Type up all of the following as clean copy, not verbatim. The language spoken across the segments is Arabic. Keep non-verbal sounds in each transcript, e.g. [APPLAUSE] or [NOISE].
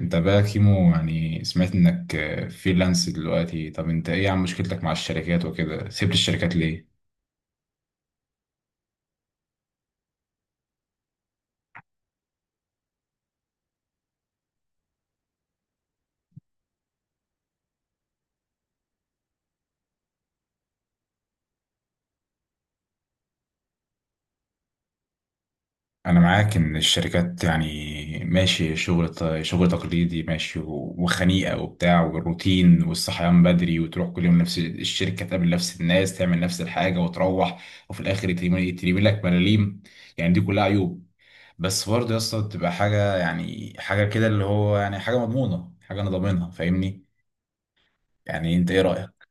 انت بقى كيمو، يعني سمعت انك فريلانس دلوقتي. طب انت ايه عن مشكلتك مع الشركات وكده؟ سبت الشركات ليه؟ انا معاك ان الشركات يعني ماشي، شغل شغل تقليدي ماشي وخنيقة وبتاع، والروتين والصحيان بدري، وتروح كل يوم نفس الشركة، تقابل نفس الناس، تعمل نفس الحاجة وتروح، وفي الاخر يترمي لك ملاليم. يعني دي كلها عيوب، بس برضه يا اسطى بتبقى حاجة، يعني حاجة كده اللي هو يعني حاجة مضمونة، حاجة انا ضامنها، فاهمني؟ يعني انت ايه رأيك؟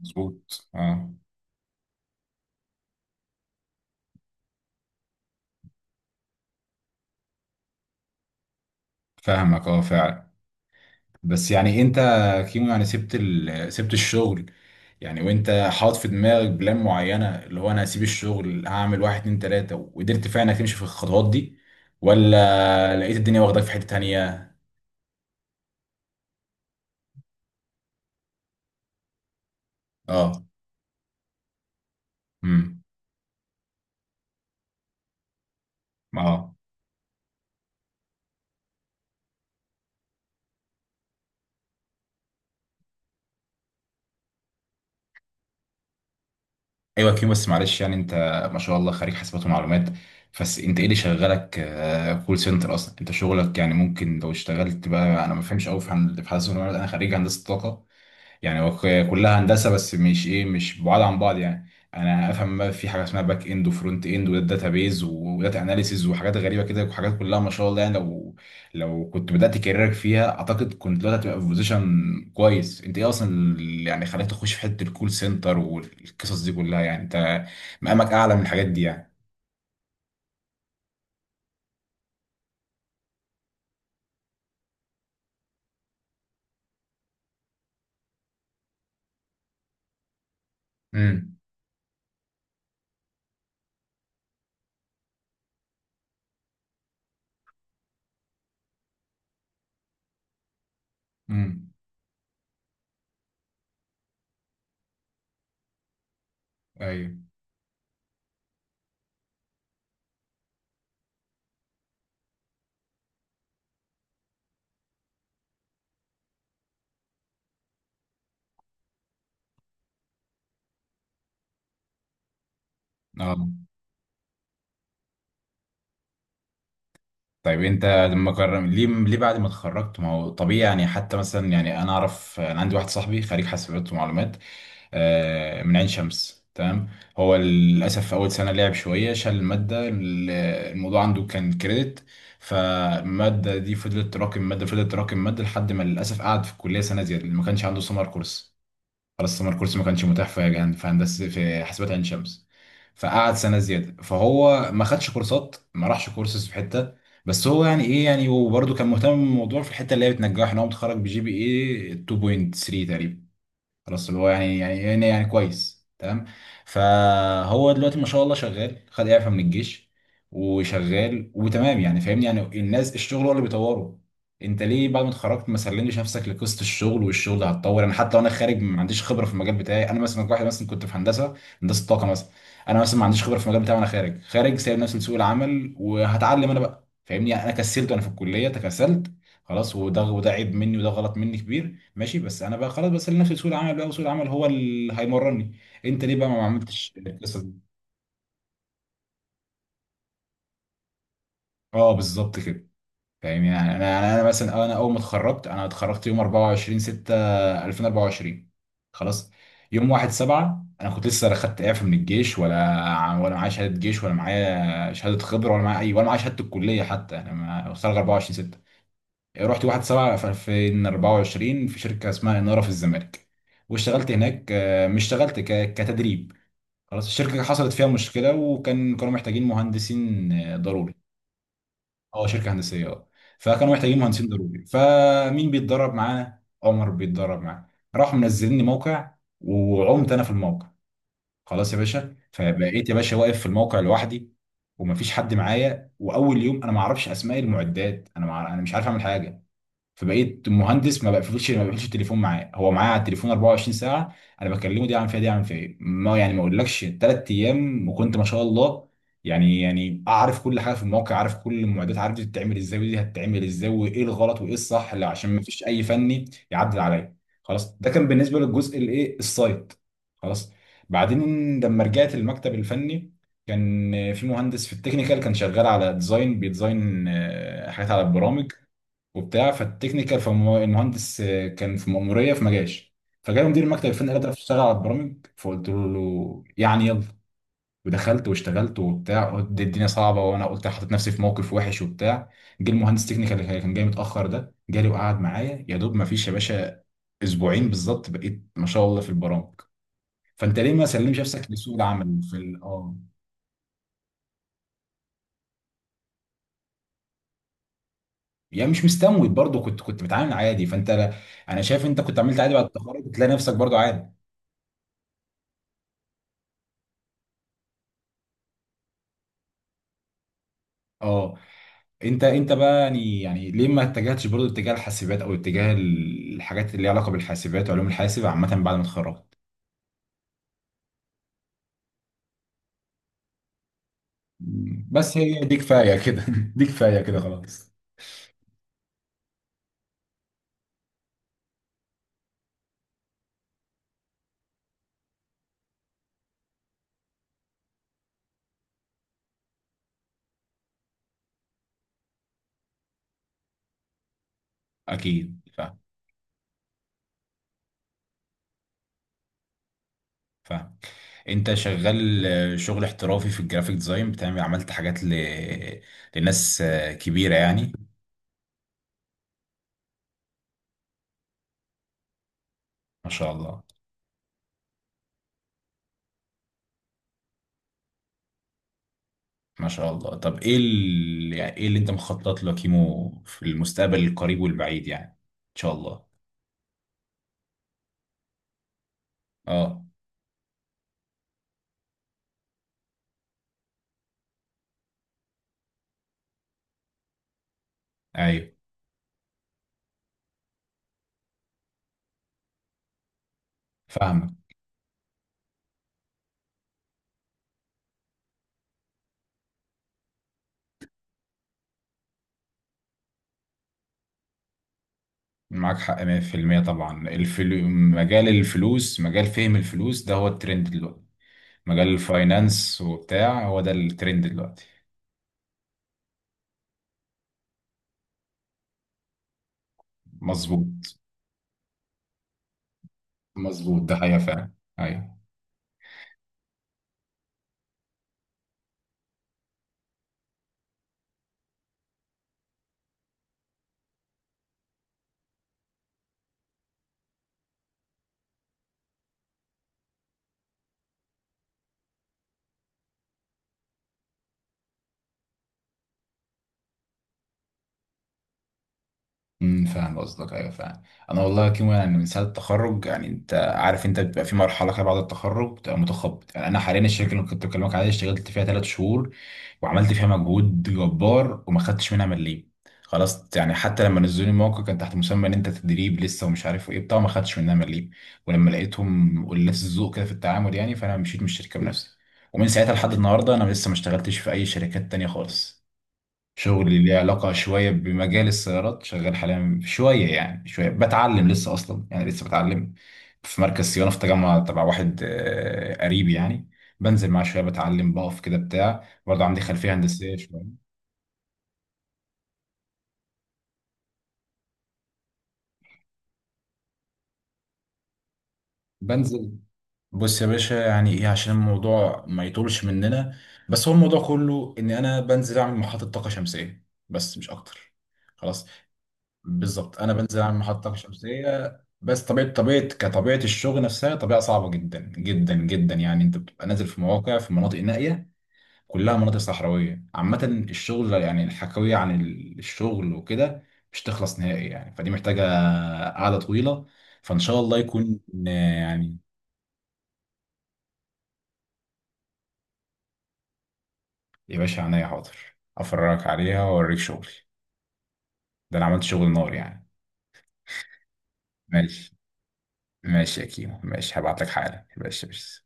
مظبوط، اه. فاهمك، اه فعلا. بس يعني انت كيمو، يعني سبت سبت الشغل، يعني وانت حاطط في دماغك بلان معينة اللي هو انا هسيب الشغل هعمل واحد اتنين تلاتة، وقدرت فعلا تمشي في الخطوات دي، ولا لقيت الدنيا واخداك في حتة تانية؟ اه. امم. اه. ايوه كيمو، بس معلش يعني انت ما شاء الله خريج حاسبات ومعلومات، بس انت ايه اللي شغلك كول سنتر؟ اصلا انت شغلك يعني ممكن لو اشتغلت بقى. انا ما فهمش قوي في في حاسبات ومعلومات، انا خريج هندسة طاقة، يعني هو كلها هندسه، بس مش ايه، مش بعاد عن بعض يعني. انا افهم بقى في حاجه اسمها باك اند وفرونت اند وداتا بيز وداتا اناليسيز وحاجات غريبه كده، وحاجات كلها ما شاء الله. يعني لو لو كنت بدات كاريرك فيها اعتقد كنت دلوقتي هتبقى في بوزيشن كويس. انت ايه اصلا اللي يعني خلاك تخش في حته الكول سنتر والقصص دي كلها؟ يعني انت مقامك اعلى من الحاجات دي يعني. امم. امم. ايوه. اه. طيب انت لما قرر، ليه ليه بعد ما اتخرجت؟ ما هو طبيعي يعني، حتى مثلا يعني انا اعرف، انا عندي واحد صاحبي خريج حاسبات ومعلومات من عين شمس، تمام. هو للاسف في اول سنه لعب شويه، شال الماده الموضوع عنده كان كريدت، فالماده دي فضلت تراكم ماده، فضلت تراكم ماده لحد ما للاسف قعد في الكليه سنه زياده. ما كانش عنده سمر كورس، خلاص سمر كورس ما كانش متاح في جهن في هندسه، في حاسبات عين شمس، فقعد سنه زياده، فهو ما خدش كورسات، ما راحش كورسز في حته. بس هو يعني ايه، يعني وبرده كان مهتم بالموضوع في الحته اللي هي بتنجحه، ان هو متخرج بجي بي اي 2.3 تقريبا. خلاص اللي هو يعني كويس، تمام. فهو دلوقتي ما شاء الله شغال، خد اعفاء من الجيش وشغال وتمام يعني، فاهمني؟ يعني الناس الشغل هو اللي بيطوره. انت ليه بعد ما اتخرجت ما سلمتش نفسك لقصه الشغل، والشغل ده هتطور؟ انا حتى وانا خارج ما عنديش خبره في المجال بتاعي، انا مثلا واحد مثلا كنت في هندسه، هندسه طاقه مثلا، انا مثلا ما عنديش خبره في المجال بتاعي وانا خارج. خارج، سايب نفسي لسوق العمل وهتعلم انا بقى، فاهمني؟ يعني انا كسلت وانا في الكليه، تكسلت خلاص، وده وده عيب مني، وده غلط مني كبير، ماشي، بس انا بقى خلاص، بس انا نفسي سوق العمل بقى، وسوق العمل هو اللي هيمرني. انت ليه بقى ما عملتش القصه دي؟ اه بالظبط كده. فاهمني؟ يعني انا انا أنا مثلا، انا اول ما اتخرجت انا اتخرجت يوم 24 6 2024، خلاص. يوم 1 7 انا كنت لسه لا خدت اعفاء من الجيش ولا، ولا معايا شهاده جيش، ولا معايا شهاده خبره، ولا معايا اي، ولا معايا شهاده الكليه حتى، انا اتخرج 24 6، رحت 1 7 في 2024 في شركه اسمها اناره في الزمالك، واشتغلت هناك مش اشتغلت كتدريب، خلاص. الشركة حصلت فيها مشكلة، كانوا محتاجين مهندسين ضروري. اه، شركة هندسية، اه. فكانوا محتاجين مهندسين ضروري، فمين بيتدرب معانا؟ عمر بيتدرب معانا. راحوا منزليني موقع، وعمت انا في الموقع، خلاص يا باشا. فبقيت يا باشا واقف في الموقع لوحدي، ومفيش حد معايا، واول يوم انا ما اعرفش اسماء المعدات، انا انا مش عارف اعمل حاجة. فبقيت مهندس ما بقفلش التليفون معاه، هو معاه على التليفون 24 ساعه، انا بكلمه دي عن فيها ما يعني ما اقولكش 3 ايام وكنت ما شاء الله، اعرف كل حاجه في الموقع، عارف كل المعدات، عارف دي بتتعمل ازاي ودي هتتعمل ازاي، وايه الغلط وايه الصح، اللي عشان ما فيش اي فني يعدل عليا. خلاص ده كان بالنسبه للجزء الايه، السايت، خلاص. بعدين لما رجعت المكتب الفني، كان في مهندس في التكنيكال كان شغال على ديزاين، بيديزاين حاجات على البرامج وبتاع. فالتكنيكال، فالمهندس كان في مأمورية فما جاش، فجاله مدير المكتب الفني قال لي تعرف تشتغل على البرامج؟ فقلت له يعني يلا، ودخلت واشتغلت وبتاع، قلت دي الدنيا صعبه، وانا قلت حطيت نفسي في موقف وحش وبتاع. جه المهندس تكنيكال اللي كان جاي متاخر ده، جالي وقعد معايا يا دوب، ما فيش يا باشا اسبوعين بالظبط، بقيت ما شاء الله في البرامج. فانت ليه ما سلمش نفسك لسوق العمل في ال، اه، يعني مش مستموت، برضه كنت كنت بتعامل عادي. فانت انا شايف انت كنت عملت عادي، بعد التخرج تلاقي نفسك برضه عادي. اه. انت انت بقى يعني يعني ليه ما اتجهتش برضو اتجاه الحاسبات، او اتجاه الحاجات اللي ليها علاقه بالحاسبات وعلوم الحاسب عامه بعد ما اتخرجت؟ بس هي دي كفايه كده [LAUGHS] دي كفايه كده خلاص. اكيد فاهم. فاهم. انت شغال شغل احترافي في الجرافيك ديزاين، بتعمل، عملت حاجات لناس كبيره يعني. ما شاء الله. ما شاء الله. طب ايه يعني ايه اللي انت مخطط له يا كيمو في المستقبل القريب والبعيد يعني ان شاء الله؟ اه. ايوه. فاهمك. معاك حق 100% طبعا. مجال الفلوس، مجال فهم الفلوس ده هو الترند دلوقتي، مجال الفاينانس وبتاع، هو ده الترند دلوقتي. مظبوط. مظبوط، ده حقيقة فعلا. ايوه. امم، فاهم قصدك، ايوه فاهم. انا والله كيمو، يعني من ساعه التخرج، يعني انت عارف، انت بيبقى في مرحله كده بعد التخرج، بتبقى متخبط يعني. انا حاليا الشركه اللي كنت بكلمك عليها اشتغلت فيها 3 شهور، وعملت فيها مجهود جبار، وما خدتش منها مليم، خلاص. يعني حتى لما نزلوني الموقع كان تحت مسمى ان انت تدريب لسه، ومش عارف ايه بتاع، ما خدتش منها مليم. ولما لقيتهم قلاس الذوق كده في التعامل يعني، فانا مشيت من الشركه بنفسي. ومن ساعتها لحد النهارده انا لسه ما اشتغلتش في اي شركات تانية خالص. شغلي ليه علاقة شوية بمجال السيارات، شغال حاليا شوية يعني، شوية بتعلم لسه أصلا يعني، لسه بتعلم في مركز صيانة في تجمع تبع واحد قريبي يعني، بنزل معاه شوية بتعلم، بقف كده بتاع، برضه عندي خلفية هندسية شوية. بنزل، بص يا باشا يعني إيه، عشان الموضوع ما يطولش مننا، بس هو الموضوع كله إن أنا بنزل أعمل محطة طاقة شمسية، بس مش أكتر، خلاص. بالظبط، انا بنزل اعمل محطه شمسيه بس. طبيعه، طبيعه، كطبيعه الشغل نفسها، طبيعه صعبه جدا جدا جدا، يعني انت بتبقى نازل في مواقع، في مناطق نائيه، كلها مناطق صحراويه عامه. الشغل يعني، الحكاويه عن الشغل وكده مش تخلص نهائي يعني، فدي محتاجه قعده طويله، فان شاء الله يكون آه، يعني. يا باشا عينيا، حاضر افرجك عليها واوريك شغلي، ده انا عملت شغل نار يعني. ماشي. ماشي يا كيمو، ماشي هبعت لك حالا، ماشي بس.